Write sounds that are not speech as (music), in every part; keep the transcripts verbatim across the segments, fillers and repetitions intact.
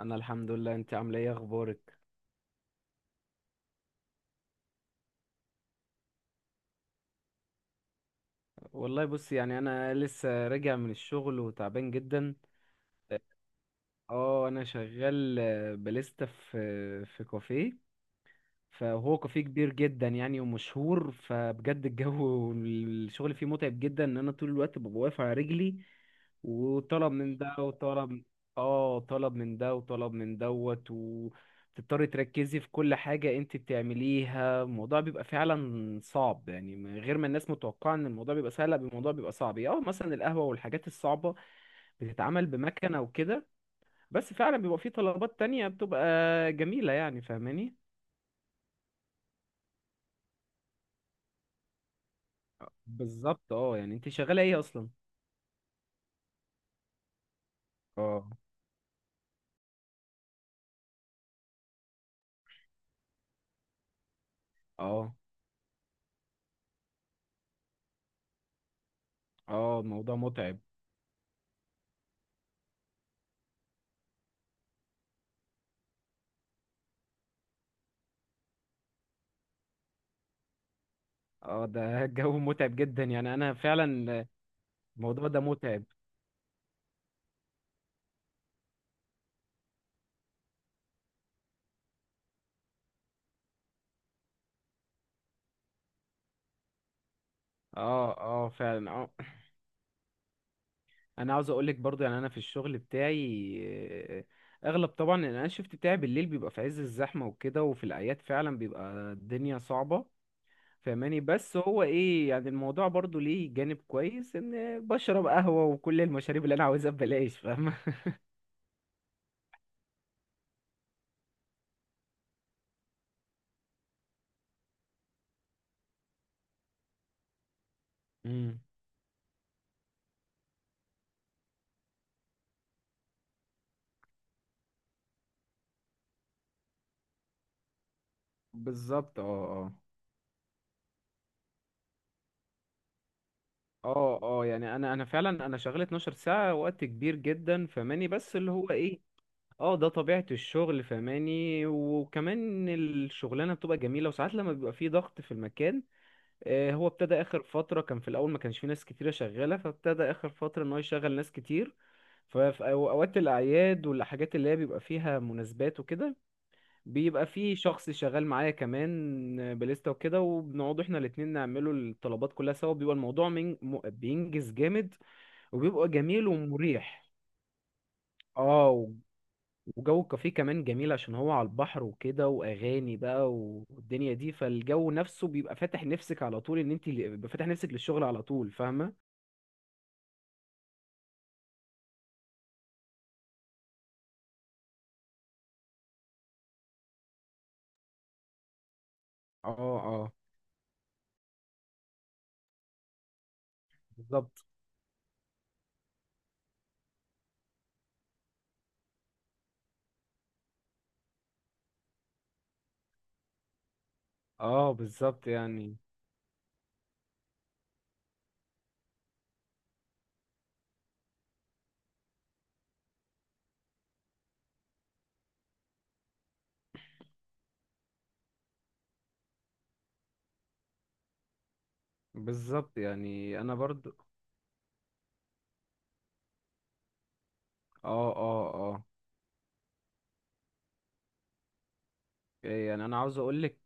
انا الحمد لله، انت عامله ايه؟ اخبارك؟ والله بص، يعني انا لسه راجع من الشغل وتعبان جدا. اه، انا شغال آه، باليستا في آه، في كافيه. فهو كافيه كبير جدا يعني ومشهور، فبجد الجو الشغل فيه متعب جدا، ان انا طول الوقت ببقى واقف على رجلي وطلب من ده وطلب. اه، طلب من ده وطلب من دوت، وتضطري تركزي في كل حاجة انت بتعمليها. الموضوع بيبقى فعلا صعب يعني، من غير ما الناس متوقعة ان الموضوع بيبقى سهل. لا، الموضوع بيبقى صعب. اه، مثلا القهوة والحاجات الصعبة بتتعمل بمكنة وكده. بس فعلا بيبقى فيه طلبات تانية بتبقى جميلة يعني، فاهماني؟ بالظبط. اه، يعني انت شغاله ايه اصلا؟ اه اه اه الموضوع متعب. اه ده (laughs) الجو متعب جدا يعني، انا فعلا الموضوع ده متعب. اه اه فعلا اه. انا عاوز اقولك برضو، يعني انا في الشغل بتاعي آه، اغلب طبعا ان انا الشفت بتاعي بالليل بيبقى في عز الزحمه وكده، وفي الاعياد فعلا بيبقى الدنيا صعبه فاهماني؟ بس هو ايه يعني، الموضوع برضو ليه جانب كويس، ان بشرب قهوه وكل المشاريب اللي انا عاوزها ببلاش، فاهمه؟ امم بالظبط. اه اه اه اه يعني انا انا فعلا انا شغال 12 ساعة، وقت كبير جدا فماني، بس اللي هو ايه، اه ده طبيعة الشغل فماني. وكمان الشغلانة بتبقى جميلة، وساعات لما بيبقى فيه ضغط في المكان، آه هو ابتدى اخر فترة. كان في الاول ما كانش فيه ناس كتيرة شغالة، فابتدى اخر فترة ان هو يشغل ناس كتير. ففي اوقات الاعياد والحاجات اللي هي بيبقى فيها مناسبات وكده، بيبقى في شخص شغال معايا كمان بليستا وكده، وبنقعد احنا الاتنين نعمله الطلبات كلها سوا. بيبقى الموضوع من... م- بينجز جامد وبيبقى جميل ومريح. اه و- وجو الكافيه كمان جميل، عشان هو على البحر وكده واغاني بقى والدنيا دي، فالجو نفسه بيبقى فاتح نفسك على طول، ان انت اللي- بيبقى فاتح نفسك للشغل على طول، فاهمة؟ اه اه بالظبط. اه بالظبط يعني. بالظبط يعني انا برضو. اه اه اه إيه، يعني انا عاوز اقول لك،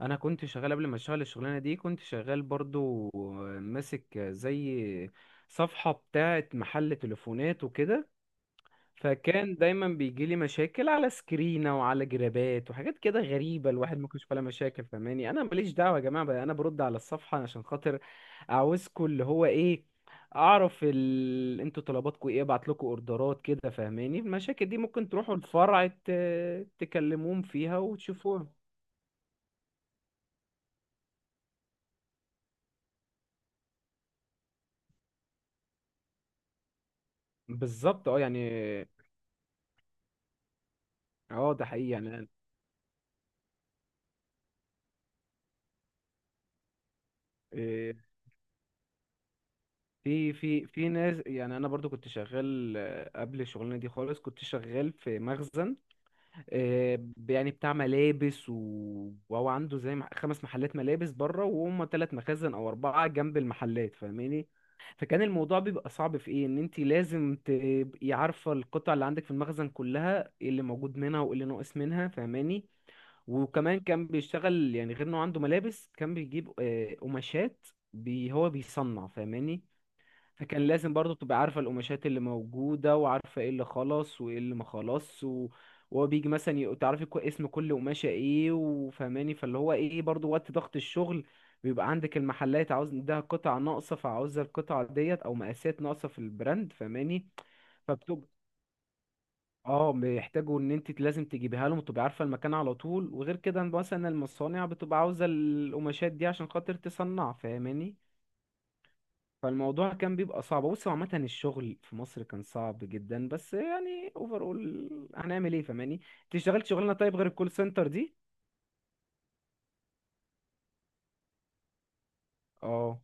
انا كنت شغال قبل ما اشتغل الشغلانه دي، كنت شغال برضو آه، ماسك آه، زي صفحه بتاعه محل تليفونات وكده. فكان دايما بيجي لي مشاكل على سكرينة وعلى جرابات وحاجات كده غريبة الواحد ممكن يشوف عليها مشاكل، فاهماني؟ انا ماليش دعوة يا جماعة بقى، انا برد على الصفحة عشان خاطر عاوزكوا اللي هو ايه، اعرف ال... انتوا طلباتكوا ايه، ابعت لكم اوردرات كده فاهماني. المشاكل دي ممكن تروحوا الفرع ت... تكلموهم فيها وتشوفوها. بالظبط اه يعني. اه ده حقيقي يعني. إيه، في في في ناس، يعني انا برضو كنت شغال آه، قبل الشغلانه دي خالص كنت شغال في مخزن. آه، يعني بتاع ملابس و... وهو عنده زي مح- خمس محلات ملابس بره، وهم تلات مخازن او اربعه جنب المحلات فاهماني. فكان الموضوع بيبقى صعب في ايه، ان انت لازم تبقي عارفه القطع اللي عندك في المخزن كلها، ايه اللي موجود منها وايه اللي ناقص منها فاهماني. وكمان كان بيشتغل يعني، غير انه عنده ملابس كان بيجيب آه، قماشات بي هو بيصنع فاهماني. فكان لازم برضو تبقى عارفة القماشات اللي موجودة، وعارفة ايه اللي خلص وايه اللي ما خلص و... وهو بيجي مثلا ي- تعرفي كو- اسم كل قماشة ايه وفهماني. فاللي هو ايه، برضو وقت ضغط الشغل بيبقى عندك المحلات عاوز عندها قطع ناقصة، فعاوزة القطعة ديت او مقاسات ناقصة في البراند فهماني. فبتبقى اه، بيحتاجوا ان انت لازم تجيبيها لهم، وتبقى عارفة المكان على طول. وغير كده مثلا المصانع بتبقى عاوزة القماشات دي عشان خاطر تصنع فاهماني. فالموضوع كان بيبقى صعب. بص هو عامة الشغل في مصر كان صعب جدا، بس يعني اوفر اول هنعمل ايه فاهماني. انت اشتغلت شغلانة طيب غير الكول سنتر دي؟ اه.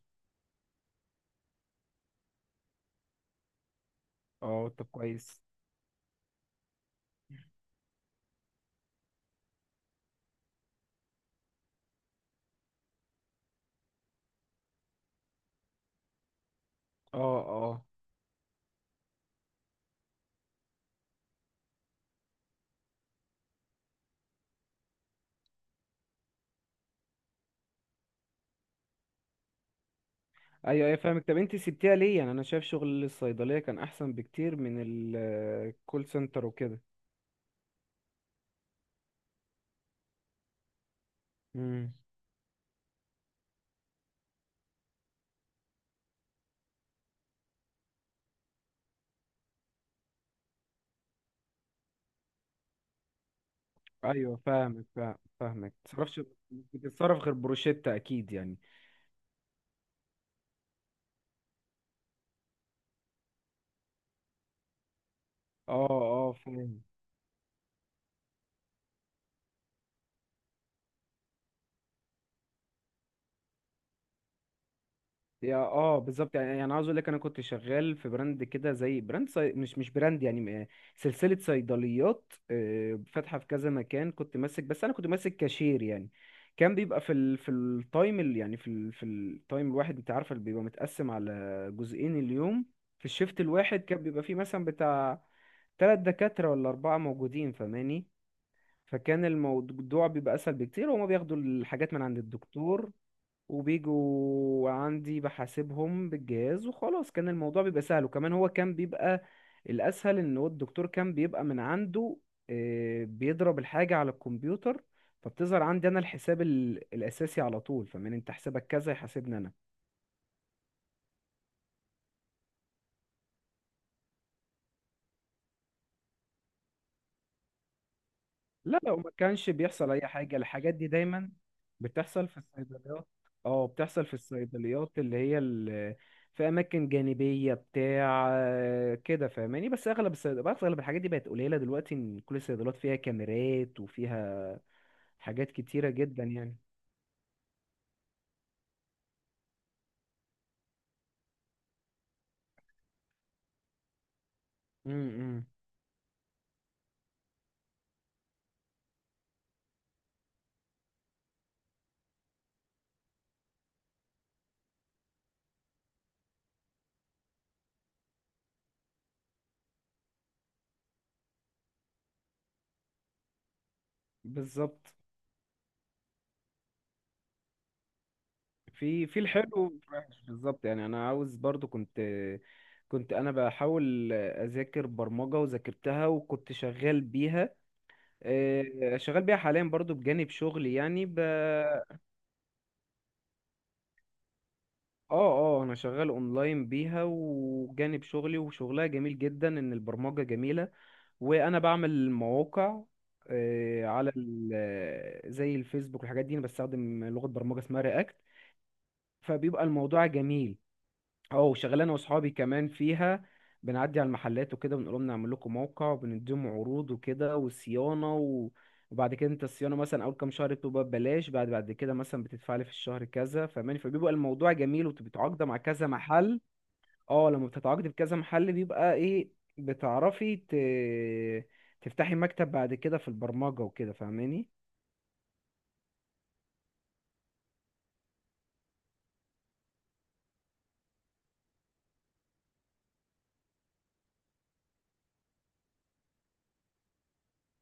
اه طب كويس. اه اه ايوه ايوه فاهمك. طب انت سبتيها ليه؟ يعني انا شايف شغل الصيدلية كان احسن بكتير من الكول سنتر وكده. امم ايوه فاهمك، فاهم- فاهمك متتصرفش، مش بتتصرف غير بروشيتا اكيد يعني. اه اه فاهم. يا اه بالظبط يعني، يعني عاوز اقول لك، انا كنت شغال في براند كده زي براند صي... مش مش براند يعني آه، سلسله صيدليات آه، فاتحه في كذا مكان. كنت ماسك، بس انا كنت ماسك كاشير يعني. كان بيبقى في ال... في التايم ال... يعني في ال... في التايم الواحد، انت عارفه اللي بيبقى متقسم على جزئين اليوم. في الشيفت الواحد كان بيبقى فيه مثلا بتاع تلات دكاتره ولا اربعه موجودين فماني، فكان الموضوع بيبقى اسهل بكتير. وهما بياخدوا الحاجات من عند الدكتور وبيجوا عندي بحاسبهم بالجهاز وخلاص. كان الموضوع بيبقى سهل، وكمان هو كان بيبقى الأسهل إن هو الدكتور كان بيبقى من عنده آه، بيضرب الحاجة على الكمبيوتر، فبتظهر عندي أنا الحساب ال- الأساسي على طول، فمن أنت حسابك كذا يحاسبني أنا. لا لو ما كانش بيحصل اي حاجه، الحاجات دي دايما بتحصل في الصيدليات. اه بتحصل في الصيدليات اللي هي ال- في اماكن جانبيه بتاع آه، كده فاهماني. بس اغلب الصيدليات اغلب الحاجات دي بقت قليله دلوقتي، ان كل الصيدليات فيها كاميرات وفيها حاجات كتيره جدا يعني. امم بالظبط. في في الحلو والوحش بالظبط يعني، انا عاوز برضو كنت كنت انا بحاول اذاكر برمجه وذاكرتها، وكنت شغال بيها آه، شغال بيها حاليا برضو بجانب شغلي يعني ب... اه اه انا شغال اونلاين بيها وجانب شغلي. وشغلها جميل جدا، ان البرمجة جميلة، وانا بعمل مواقع آه، على ال... آه، زي الفيسبوك والحاجات دي. انا بستخدم لغة برمجة اسمها رياكت، فبيبقى الموضوع جميل. اه شغال انا واصحابي كمان فيها. بنعدي على المحلات وكده بنقول لهم نعمل لكم موقع، وبنديهم عروض وكده وصيانه و... وبعد كده انت الصيانه مثلا اول كام شهر بتبقى ببلاش، بعد بعد كده مثلا بتدفع لي في الشهر كذا فاهماني. فبيبقى الموضوع جميل وبتتعاقد مع كذا محل. اه لما بتتعاقد بكذا محل بيبقى ايه، بتعرفي ت... تفتحي مكتب بعد كده في البرمجه وكده فاهماني.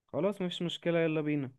خلاص مفيش مشكله، يلا بينا.